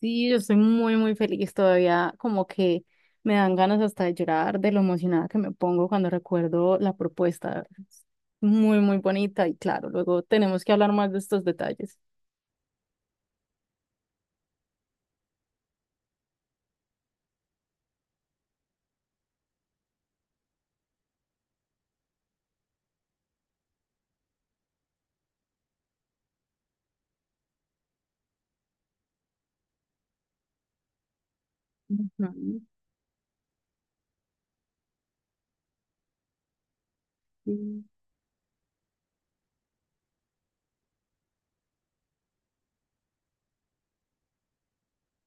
Sí, yo estoy muy, muy feliz todavía, como que me dan ganas hasta de llorar de lo emocionada que me pongo cuando recuerdo la propuesta. Es muy, muy bonita y claro, luego tenemos que hablar más de estos detalles. Ujú, sí.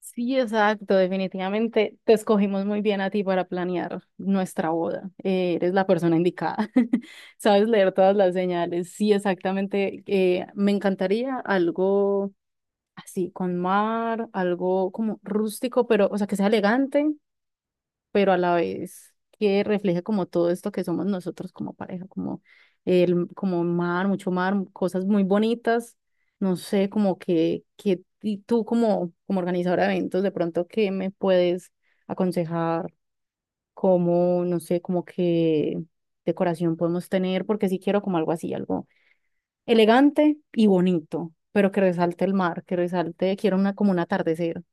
Sí, exacto, definitivamente te escogimos muy bien a ti para planear nuestra boda. Eres la persona indicada, sabes leer todas las señales. Sí, exactamente, me encantaría algo así, con mar, algo como rústico, pero, o sea, que sea elegante, pero a la vez que refleje como todo esto que somos nosotros como pareja, como el, como mar, mucho mar, cosas muy bonitas, no sé, como que y tú como organizadora de eventos, de pronto, ¿qué me puedes aconsejar? Como, no sé, como que decoración podemos tener, porque sí quiero como algo así, algo elegante y bonito, pero que resalte el mar, que resalte, quiero una como un atardecer.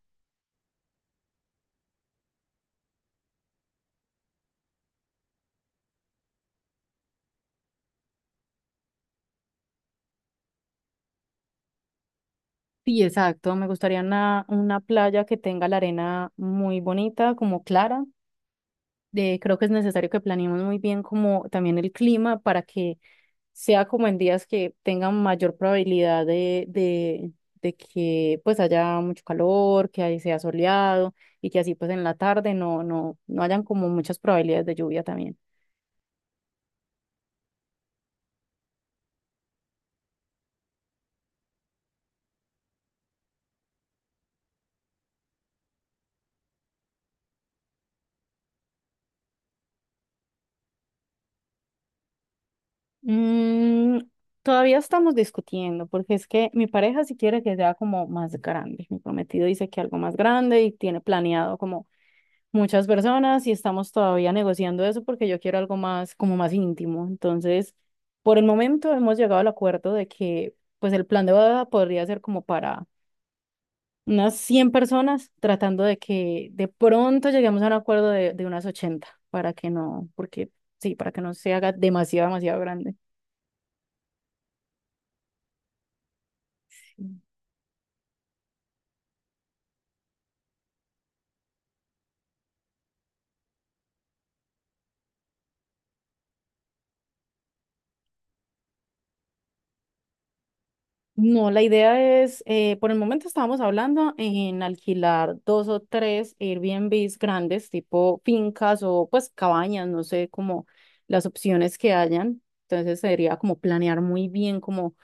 Sí, exacto. Me gustaría una playa que tenga la arena muy bonita, como clara. Creo que es necesario que planeemos muy bien como también el clima para que sea como en días que tengan mayor probabilidad de que pues haya mucho calor, que ahí sea soleado y que así pues en la tarde no, no, no hayan como muchas probabilidades de lluvia también. Mm, todavía estamos discutiendo, porque es que mi pareja sí quiere que sea como más grande. Mi prometido dice que algo más grande y tiene planeado como muchas personas y estamos todavía negociando eso porque yo quiero algo más, como más íntimo. Entonces, por el momento hemos llegado al acuerdo de que pues el plan de boda podría ser como para unas 100 personas, tratando de que de pronto lleguemos a un acuerdo de unas 80 para que no, porque sí, para que no se haga demasiado, demasiado grande. No, la idea es, por el momento estábamos hablando en alquilar dos o tres Airbnbs grandes, tipo fincas o pues cabañas, no sé, como las opciones que hayan. Entonces sería como planear muy bien como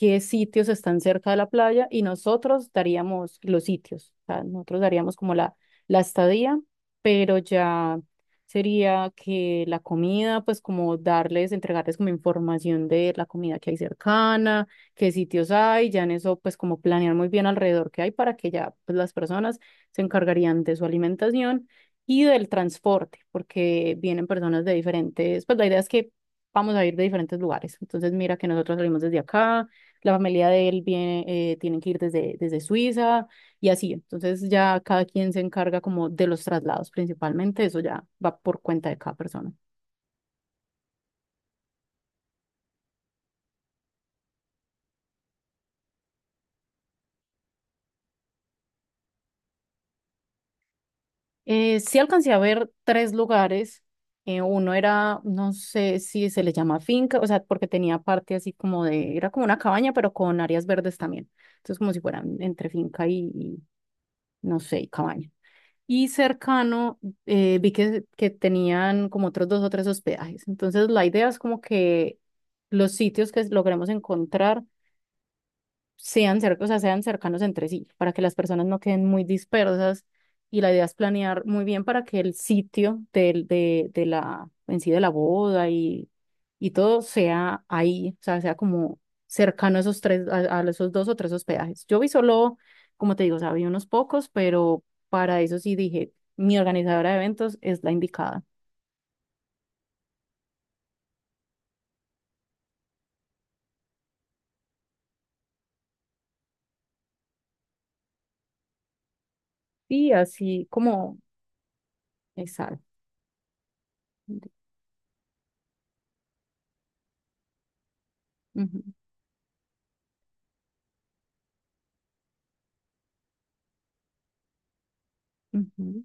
qué sitios están cerca de la playa y nosotros daríamos los sitios, o sea, nosotros daríamos como la estadía, pero ya sería que la comida, pues como darles, entregarles como información de la comida que hay cercana, qué sitios hay, ya en eso pues como planear muy bien alrededor que hay para que ya pues las personas se encargarían de su alimentación y del transporte, porque vienen personas de diferentes, pues la idea es que vamos a ir de diferentes lugares. Entonces mira que nosotros salimos desde acá, la familia de él viene, tienen que ir desde, Suiza y así. Entonces ya cada quien se encarga como de los traslados principalmente, eso ya va por cuenta de cada persona. Sí alcancé a ver tres lugares. Uno era, no sé si se le llama finca, o sea, porque tenía parte así como de, era como una cabaña, pero con áreas verdes también. Entonces, como si fueran entre finca no sé, y cabaña. Y cercano, vi que tenían como otros dos o tres hospedajes. Entonces, la idea es como que los sitios que logremos encontrar sean, o sea, sean cercanos entre sí, para que las personas no queden muy dispersas. Y la idea es planear muy bien para que el sitio de la en sí de la boda y todo sea ahí, o sea, sea como cercano a esos tres, a esos dos o tres hospedajes. Yo vi solo, como te digo, o sea, vi unos pocos, pero para eso sí dije, mi organizadora de eventos es la indicada. Y así como, exacto. Ujú, ujú.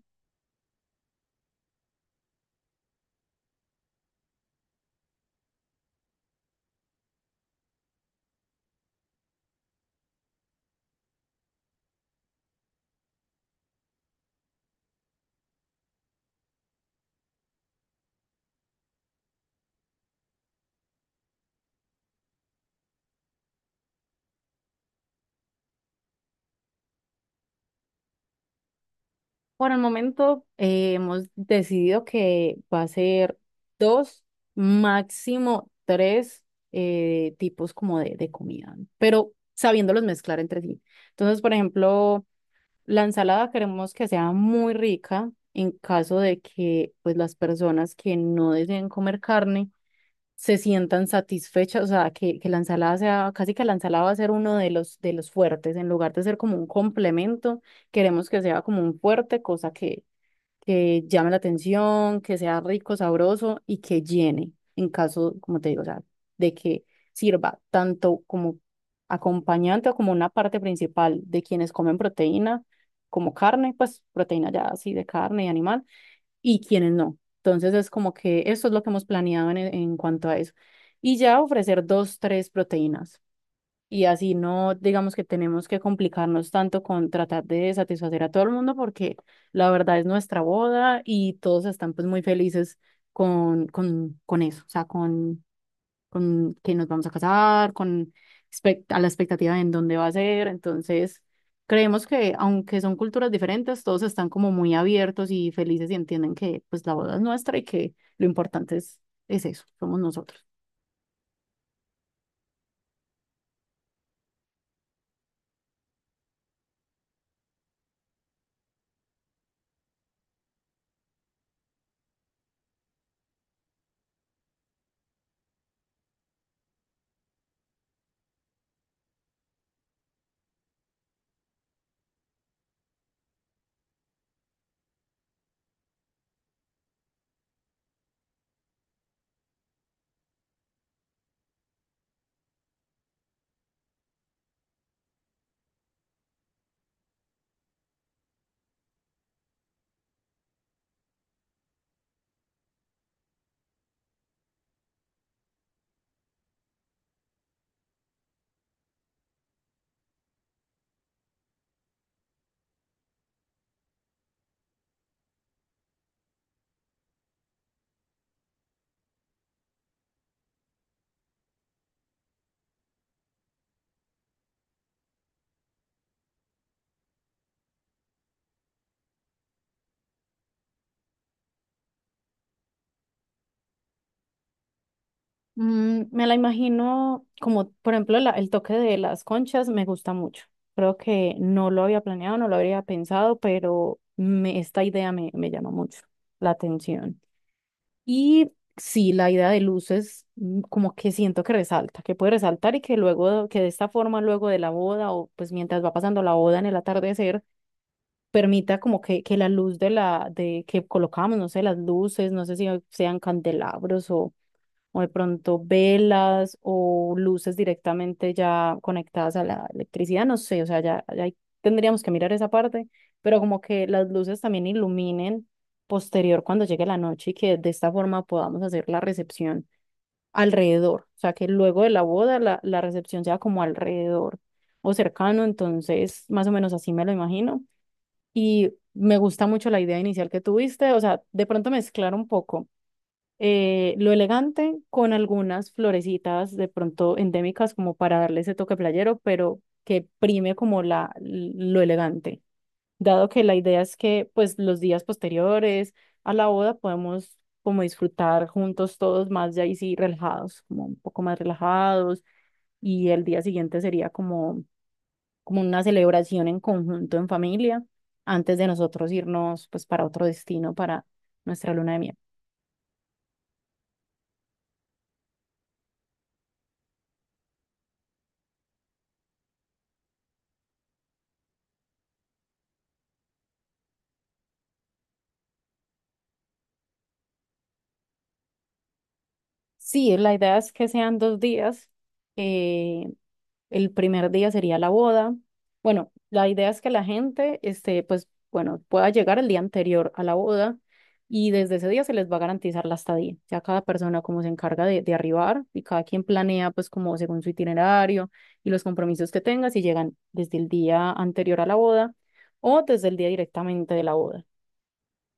Por el momento hemos decidido que va a ser dos, máximo tres tipos como de comida, pero sabiéndolos mezclar entre sí. Entonces, por ejemplo, la ensalada queremos que sea muy rica en caso de que pues las personas que no deseen comer carne se sientan satisfechas, o sea, que la ensalada sea, casi que la ensalada va a ser uno de los fuertes, en lugar de ser como un complemento, queremos que sea como un fuerte, cosa que llame la atención, que sea rico, sabroso y que llene, en caso, como te digo, o sea, de que sirva tanto como acompañante o como una parte principal de quienes comen proteína, como carne, pues proteína ya así de carne y animal, y quienes no. Entonces es como que eso es lo que hemos planeado en cuanto a eso. Y ya ofrecer dos, tres proteínas. Y así no, digamos que tenemos que complicarnos tanto con tratar de satisfacer a todo el mundo porque la verdad es nuestra boda y todos están pues muy felices con eso, o sea, con que nos vamos a casar, con a la expectativa de en dónde va a ser. Entonces, creemos que aunque son culturas diferentes, todos están como muy abiertos y felices y entienden que pues la boda es nuestra y que lo importante es eso, somos nosotros. Me la imagino como, por ejemplo, el toque de las conchas me gusta mucho. Creo que no lo había planeado, no lo habría pensado, pero esta idea me llama mucho la atención. Y sí, la idea de luces, como que siento que resalta, que puede resaltar y que luego, que de esta forma, luego de la boda o pues mientras va pasando la boda en el atardecer, permita como que la luz de que colocamos, no sé, las luces, no sé si sean candelabros o de pronto velas o luces directamente ya conectadas a la electricidad, no sé, o sea, ya ahí tendríamos que mirar esa parte, pero como que las luces también iluminen posterior cuando llegue la noche y que de esta forma podamos hacer la recepción alrededor, o sea, que luego de la boda la recepción sea como alrededor o cercano, entonces más o menos así me lo imagino. Y me gusta mucho la idea inicial que tuviste, o sea, de pronto mezclar un poco lo elegante con algunas florecitas de pronto endémicas como para darle ese toque playero, pero que prime como lo elegante, dado que la idea es que pues los días posteriores a la boda podemos como disfrutar juntos todos más ya ahí sí relajados, como un poco más relajados y el día siguiente sería como, como una celebración en conjunto en familia antes de nosotros irnos pues para otro destino para nuestra luna de miel. Sí, la idea es que sean 2 días. eh, el primer día sería la boda. Bueno, la idea es que la gente, este, pues, bueno, pueda llegar el día anterior a la boda y desde ese día se les va a garantizar la estadía. Ya cada persona como se encarga de arribar y cada quien planea pues como según su itinerario y los compromisos que tenga, si llegan desde el día anterior a la boda o desde el día directamente de la boda.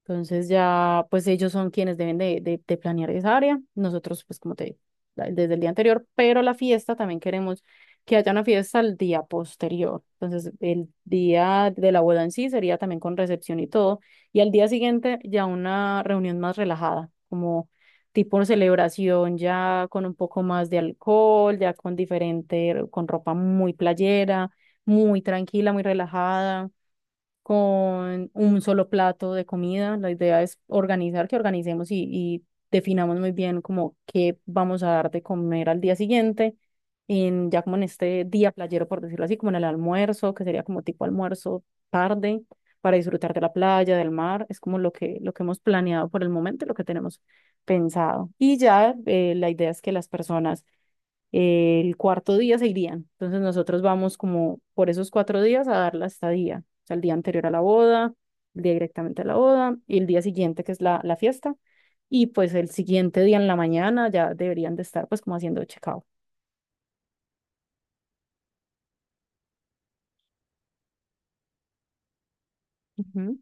Entonces ya, pues ellos son quienes deben de planear esa área. Nosotros, pues como te digo, desde el día anterior, pero la fiesta también queremos que haya una fiesta al día posterior. Entonces, el día de la boda en sí sería también con recepción y todo. Y al día siguiente ya una reunión más relajada, como tipo celebración ya con un poco más de alcohol, ya con diferente, con ropa muy playera, muy tranquila, muy relajada con un solo plato de comida. La idea es organizar, que organicemos y definamos muy bien como qué vamos a dar de comer al día siguiente, en, ya como en este día playero, por decirlo así, como en el almuerzo, que sería como tipo almuerzo tarde, para disfrutar de la playa, del mar. Es como lo que hemos planeado por el momento, y lo que tenemos pensado. Y ya la idea es que las personas el cuarto día se irían. Entonces nosotros vamos como por esos 4 días a dar la estadía, o sea, el día anterior a la boda, el día directamente a la boda y el día siguiente que es la fiesta. Y pues el siguiente día en la mañana ya deberían de estar pues como haciendo checkout. Ujú.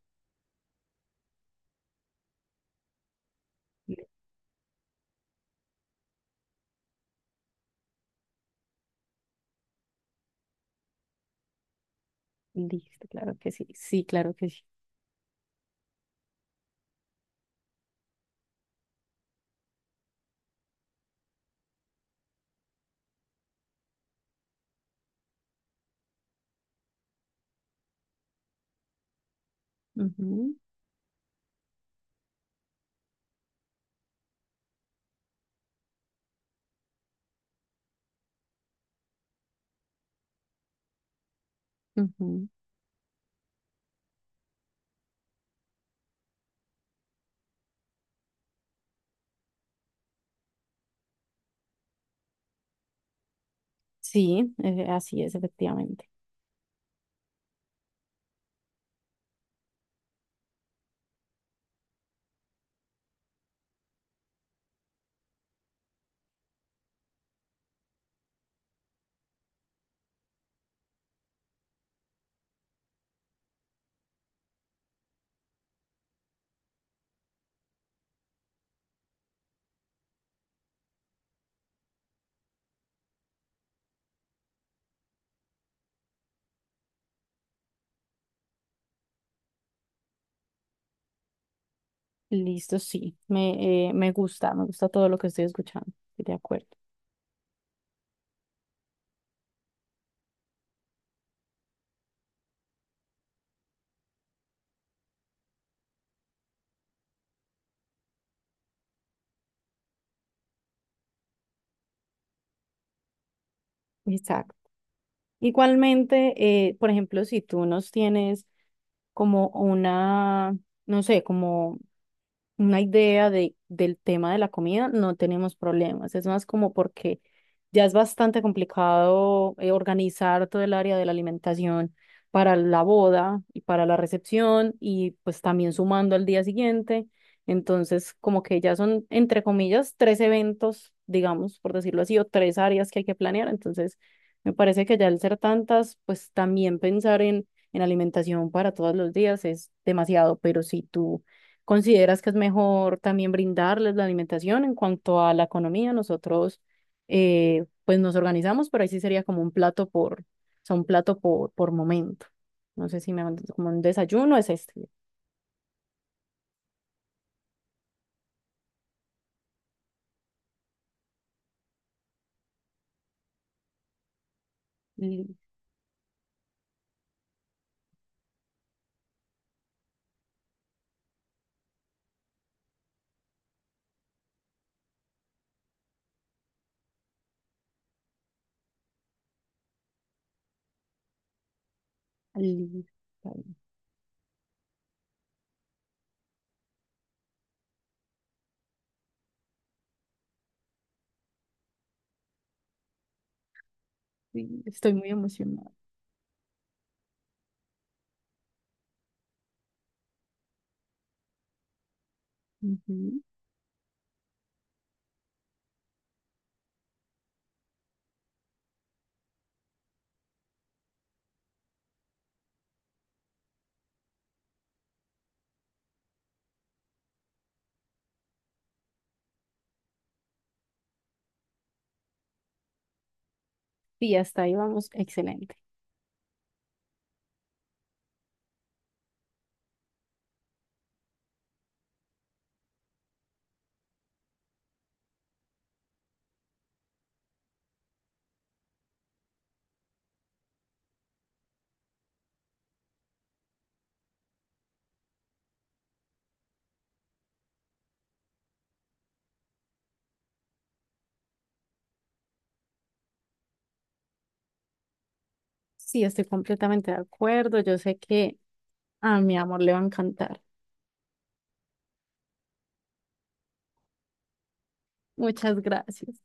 Listo, claro que sí, sí, claro que sí. Ujú, ujú. Sí, así es, efectivamente. Listo, sí, me gusta, me gusta todo lo que estoy escuchando, estoy de acuerdo. Exacto. Igualmente, por ejemplo, si tú nos tienes como una, no sé, como una idea del tema de la comida, no tenemos problemas. Es más como porque ya es bastante complicado organizar todo el área de la alimentación para la boda y para la recepción y pues también sumando al día siguiente. Entonces, como que ya son, entre comillas, tres eventos, digamos, por decirlo así, o tres áreas que hay que planear. Entonces, me parece que ya al ser tantas, pues también pensar en alimentación para todos los días es demasiado, pero si tú, ¿consideras que es mejor también brindarles la alimentación? En cuanto a la economía, nosotros pues nos organizamos, pero ahí sí sería como un plato por, o sea, un plato por momento. No sé si me van como un desayuno, es este. Li- li- Estoy muy emocionada. Ujú. Sí, hasta ahí vamos, excelente. Sí, estoy completamente de acuerdo. Yo sé que a mi amor le va a encantar. Muchas gracias.